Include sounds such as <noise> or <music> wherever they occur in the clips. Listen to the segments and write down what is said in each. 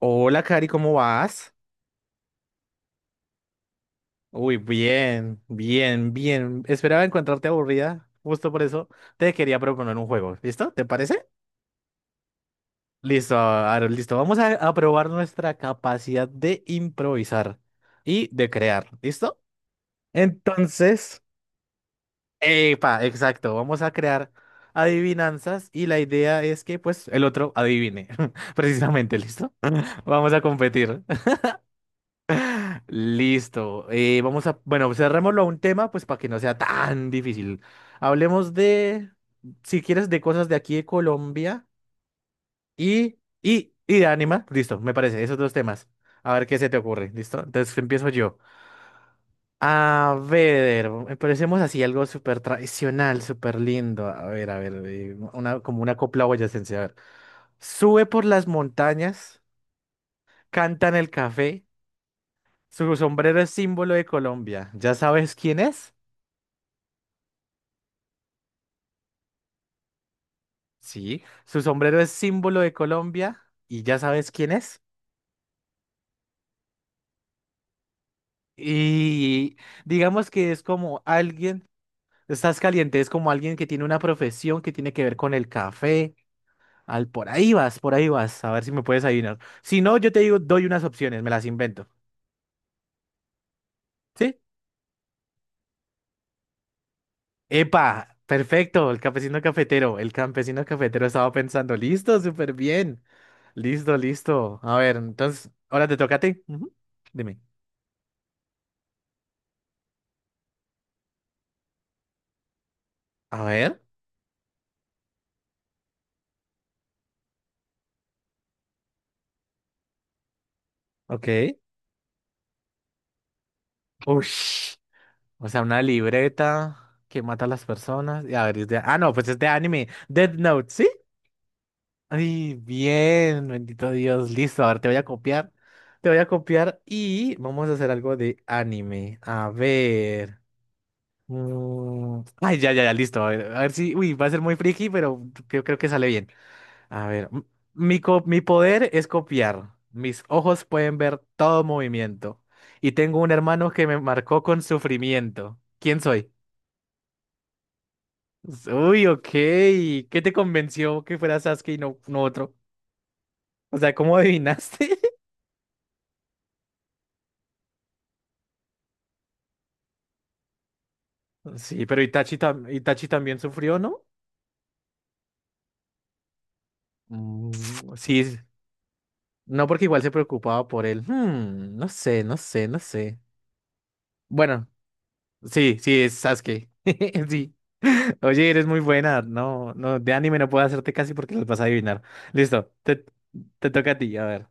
Hola, Cari, ¿cómo vas? Uy, bien, bien, bien. Esperaba encontrarte aburrida, justo por eso te quería proponer un juego. ¿Listo? ¿Te parece? Listo, Aaron, listo. Vamos a probar nuestra capacidad de improvisar y de crear. ¿Listo? Entonces, epa, exacto. Vamos a crear adivinanzas y la idea es que, pues, el otro adivine. <laughs> Precisamente, ¿listo? <laughs> Vamos a competir. Listo. Bueno, cerrémoslo a un tema, pues para que no sea tan difícil. Hablemos de, si quieres, de cosas de aquí de Colombia y de Anima. Listo, me parece, esos dos temas. A ver qué se te ocurre, ¿listo? Entonces empiezo yo. A ver, empecemos así, algo súper tradicional, súper lindo. A ver, una, como una copla boyacense. A ver, sube por las montañas, canta en el café, su sombrero es símbolo de Colombia. ¿Ya sabes quién es? Sí, su sombrero es símbolo de Colombia y ya sabes quién es. Y digamos que es como alguien, estás caliente, es como alguien que tiene una profesión que tiene que ver con el café. Al, por ahí vas, a ver si me puedes adivinar. Si no, yo te digo, doy unas opciones, me las invento. ¿Sí? Epa, perfecto, el campesino cafetero estaba pensando, listo, súper bien, listo, listo. A ver, entonces, ahora te toca a ti. Ujú, dime. A ver, ok. Ush. O sea, una libreta que mata a las personas. Y a ver, es de... Ah, no, pues es de anime. Death Note, ¿sí? Ay, bien, bendito Dios. Listo, a ver, te voy a copiar. Te voy a copiar y vamos a hacer algo de anime. A ver. Ay, ya, ya, ya, listo. A ver si. Uy, va a ser muy friki, pero yo creo que sale bien. A ver. Mi poder es copiar. Mis ojos pueden ver todo movimiento. Y tengo un hermano que me marcó con sufrimiento. ¿Quién soy? Uy, ok. ¿Qué te convenció que fuera Sasuke y no otro? O sea, ¿cómo adivinaste? <laughs> Sí, pero Itachi también sufrió, ¿no? Mm, sí, s- no porque igual se preocupaba por él. Hmm, no sé, no sé, no sé. Bueno, sí, sí, es Sasuke. <laughs> Sí. <laughs> Oye, eres muy buena. No, no, de anime no puedo hacerte casi porque las vas a adivinar. Listo, te toca a ti, a ver.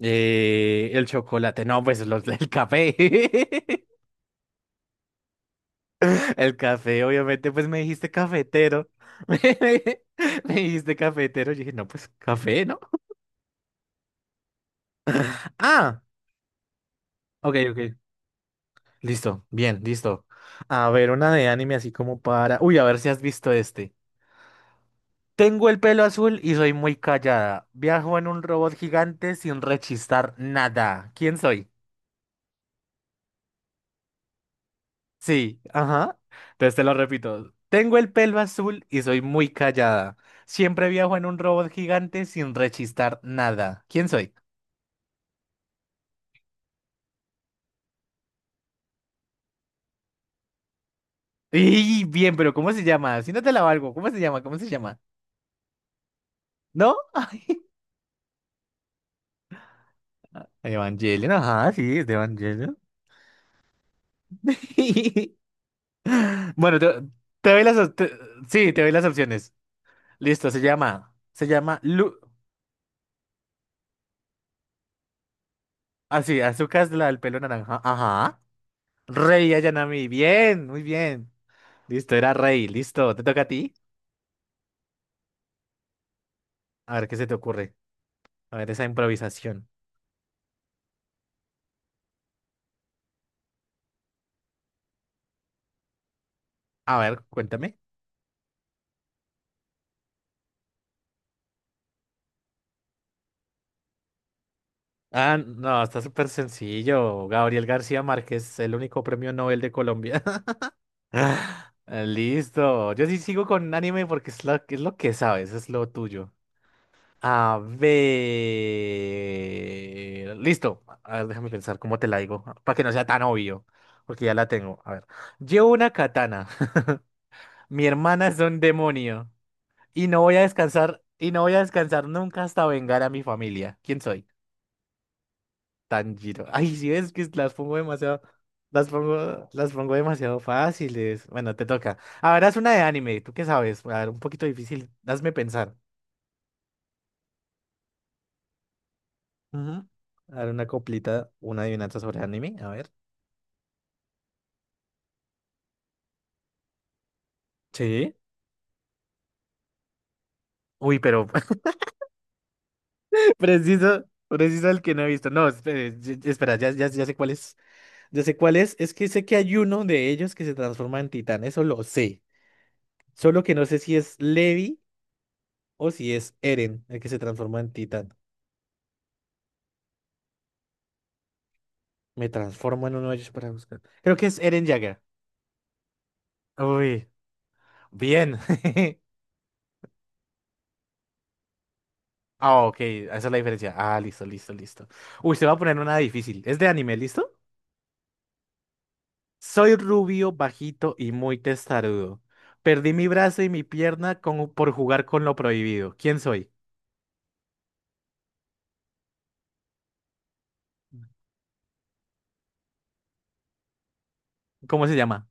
El chocolate, no, pues los, el café. <laughs> El café, obviamente, pues me dijiste cafetero. <laughs> Dijiste cafetero. Yo dije, no, pues café, ¿no? Ah, ok, ok. Listo, bien, listo. A ver, una de anime así como para. Uy, a ver si has visto este. Tengo el pelo azul y soy muy callada. Viajo en un robot gigante sin rechistar nada. ¿Quién soy? Sí, ajá. Entonces te lo repito. Tengo el pelo azul y soy muy callada. Siempre viajo en un robot gigante sin rechistar nada. ¿Quién soy? Y bien, pero ¿cómo se llama? Si no te la valgo, ¿cómo se llama? ¿Cómo se llama? ¿No? <laughs> Ay, Evangelion, ajá, sí, es de Evangelion. <laughs> Bueno, te doy las, op- te- sí, te doy las opciones. Listo, se llama Lu, así, Azúcar es la del pelo naranja, ajá. Rey Ayanami, bien, muy bien. Listo, era Rey, listo, te toca a ti. A ver qué se te ocurre. A ver esa improvisación. A ver, cuéntame. Ah, no, está súper sencillo. Gabriel García Márquez, el único premio Nobel de Colombia. Ah, listo. Yo sí sigo con anime porque es lo que sabes, es lo tuyo. A ver. Listo. A ver, déjame pensar cómo te la digo. Para que no sea tan obvio. Porque ya la tengo. A ver. Llevo una katana. <laughs> Mi hermana es un demonio. Y no voy a descansar nunca hasta vengar a mi familia. ¿Quién soy? Tanjiro. <laughs> Ay, si ves que las pongo demasiado, las pongo demasiado fáciles. Bueno, te toca. Ahora es una de anime, ¿tú qué sabes? A ver, un poquito difícil. Hazme pensar. Ujú. A ver, una coplita, una adivinanza sobre anime, a ver. Sí. Uy, pero <laughs> preciso, preciso el que no he visto. No, espere, espera, ya, ya, ya sé cuál es. Ya sé cuál es. Es que sé que hay uno de ellos que se transforma en titán, eso lo sé. Solo que no sé si es Levi o si es Eren el que se transforma en titán. Me transformo en uno de ellos para buscar. Creo que es Eren Jagger. Uy, bien. <laughs> Ah, ok, esa es la diferencia. Ah, listo, listo, listo. Uy, se va a poner una difícil. ¿Es de anime, listo? Soy rubio, bajito y muy testarudo. Perdí mi brazo y mi pierna por jugar con lo prohibido. ¿Quién soy? ¿Cómo se llama?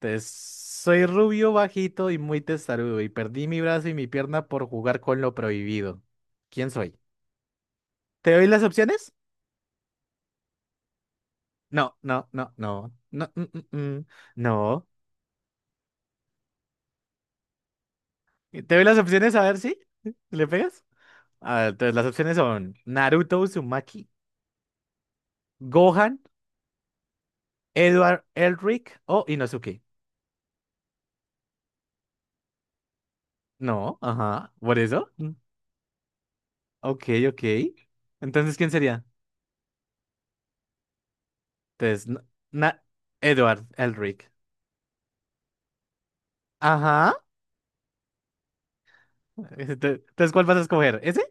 Entonces, soy rubio, bajito y muy testarudo. Y perdí mi brazo y mi pierna por jugar con lo prohibido. ¿Quién soy? ¿Te doy las opciones? No, no, no, no, no, no. ¿Te doy las opciones a ver si le pegas? A ver, entonces las opciones son Naruto Uzumaki, Gohan, Edward Elric o Inosuke. No, ajá, por eso. Mm, ok, ok. Entonces, ¿quién sería? Entonces, na na- Edward Elric. Ajá. <laughs> Entonces, ¿cuál vas a escoger? ¿Ese?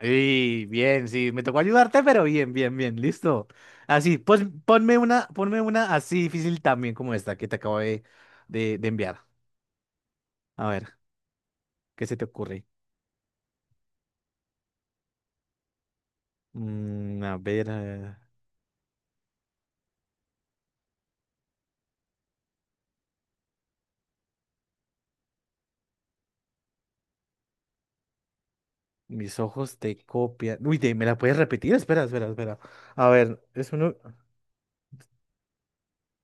Y bien, sí, me tocó ayudarte, pero bien, bien, bien, listo. Así, pues ponme una así difícil también como esta que te acabo de enviar. A ver, ¿qué se te ocurre? Mm, a ver, mis ojos te copian. Uy, ¿me la puedes repetir? Espera, espera, espera. A ver, es uno.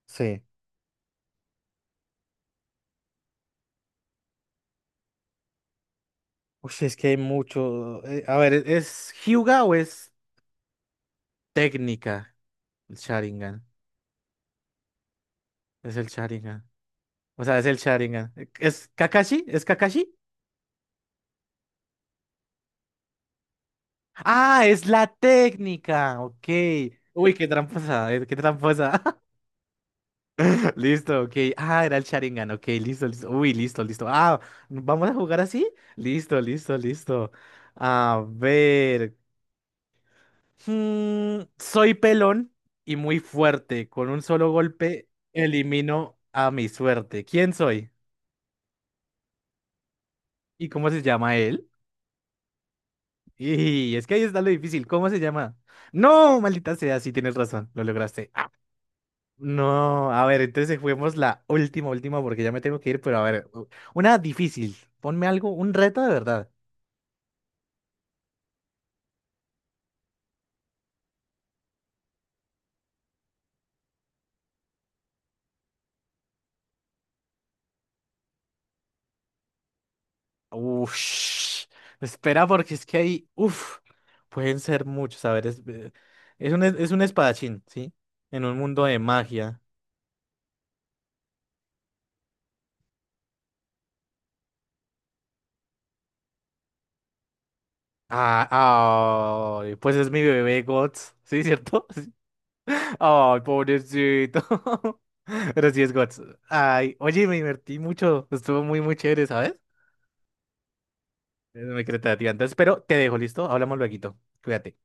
Sí. Uy, es que hay mucho. A ver, ¿es Hyuga o es técnica? El Sharingan. Es el Sharingan. O sea, es el Sharingan. ¿Es Kakashi? ¿Es Kakashi? Ah, es la técnica. Ok. Uy, qué tramposa, qué tramposa. <laughs> Listo, ok. Ah, era el Sharingan. Ok, listo, listo. Uy, listo, listo. Ah, ¿vamos a jugar así? Listo, listo, listo. A ver. Soy pelón y muy fuerte. Con un solo golpe elimino a mi suerte. ¿Quién soy? ¿Y cómo se llama él? Y es que ahí está lo difícil. ¿Cómo se llama? No, maldita sea, sí tienes razón. Lo lograste. No, a ver, entonces juguemos la última, última, porque ya me tengo que ir, pero a ver, una difícil. Ponme algo, un reto de verdad. Uff, espera, porque es que hay, uff, pueden ser muchos. A ver, es un espadachín, ¿sí? En un mundo de magia. Ah, ay, pues es mi bebé Guts, ¿sí, cierto? <laughs> Ay, pobrecito. <laughs> Pero sí es Guts. Ay, oye, me divertí mucho, estuvo muy, muy chévere, ¿sabes? Es muy creativa. Entonces, pero te dejo, ¿listo? Hablamos lueguito. Cuídate.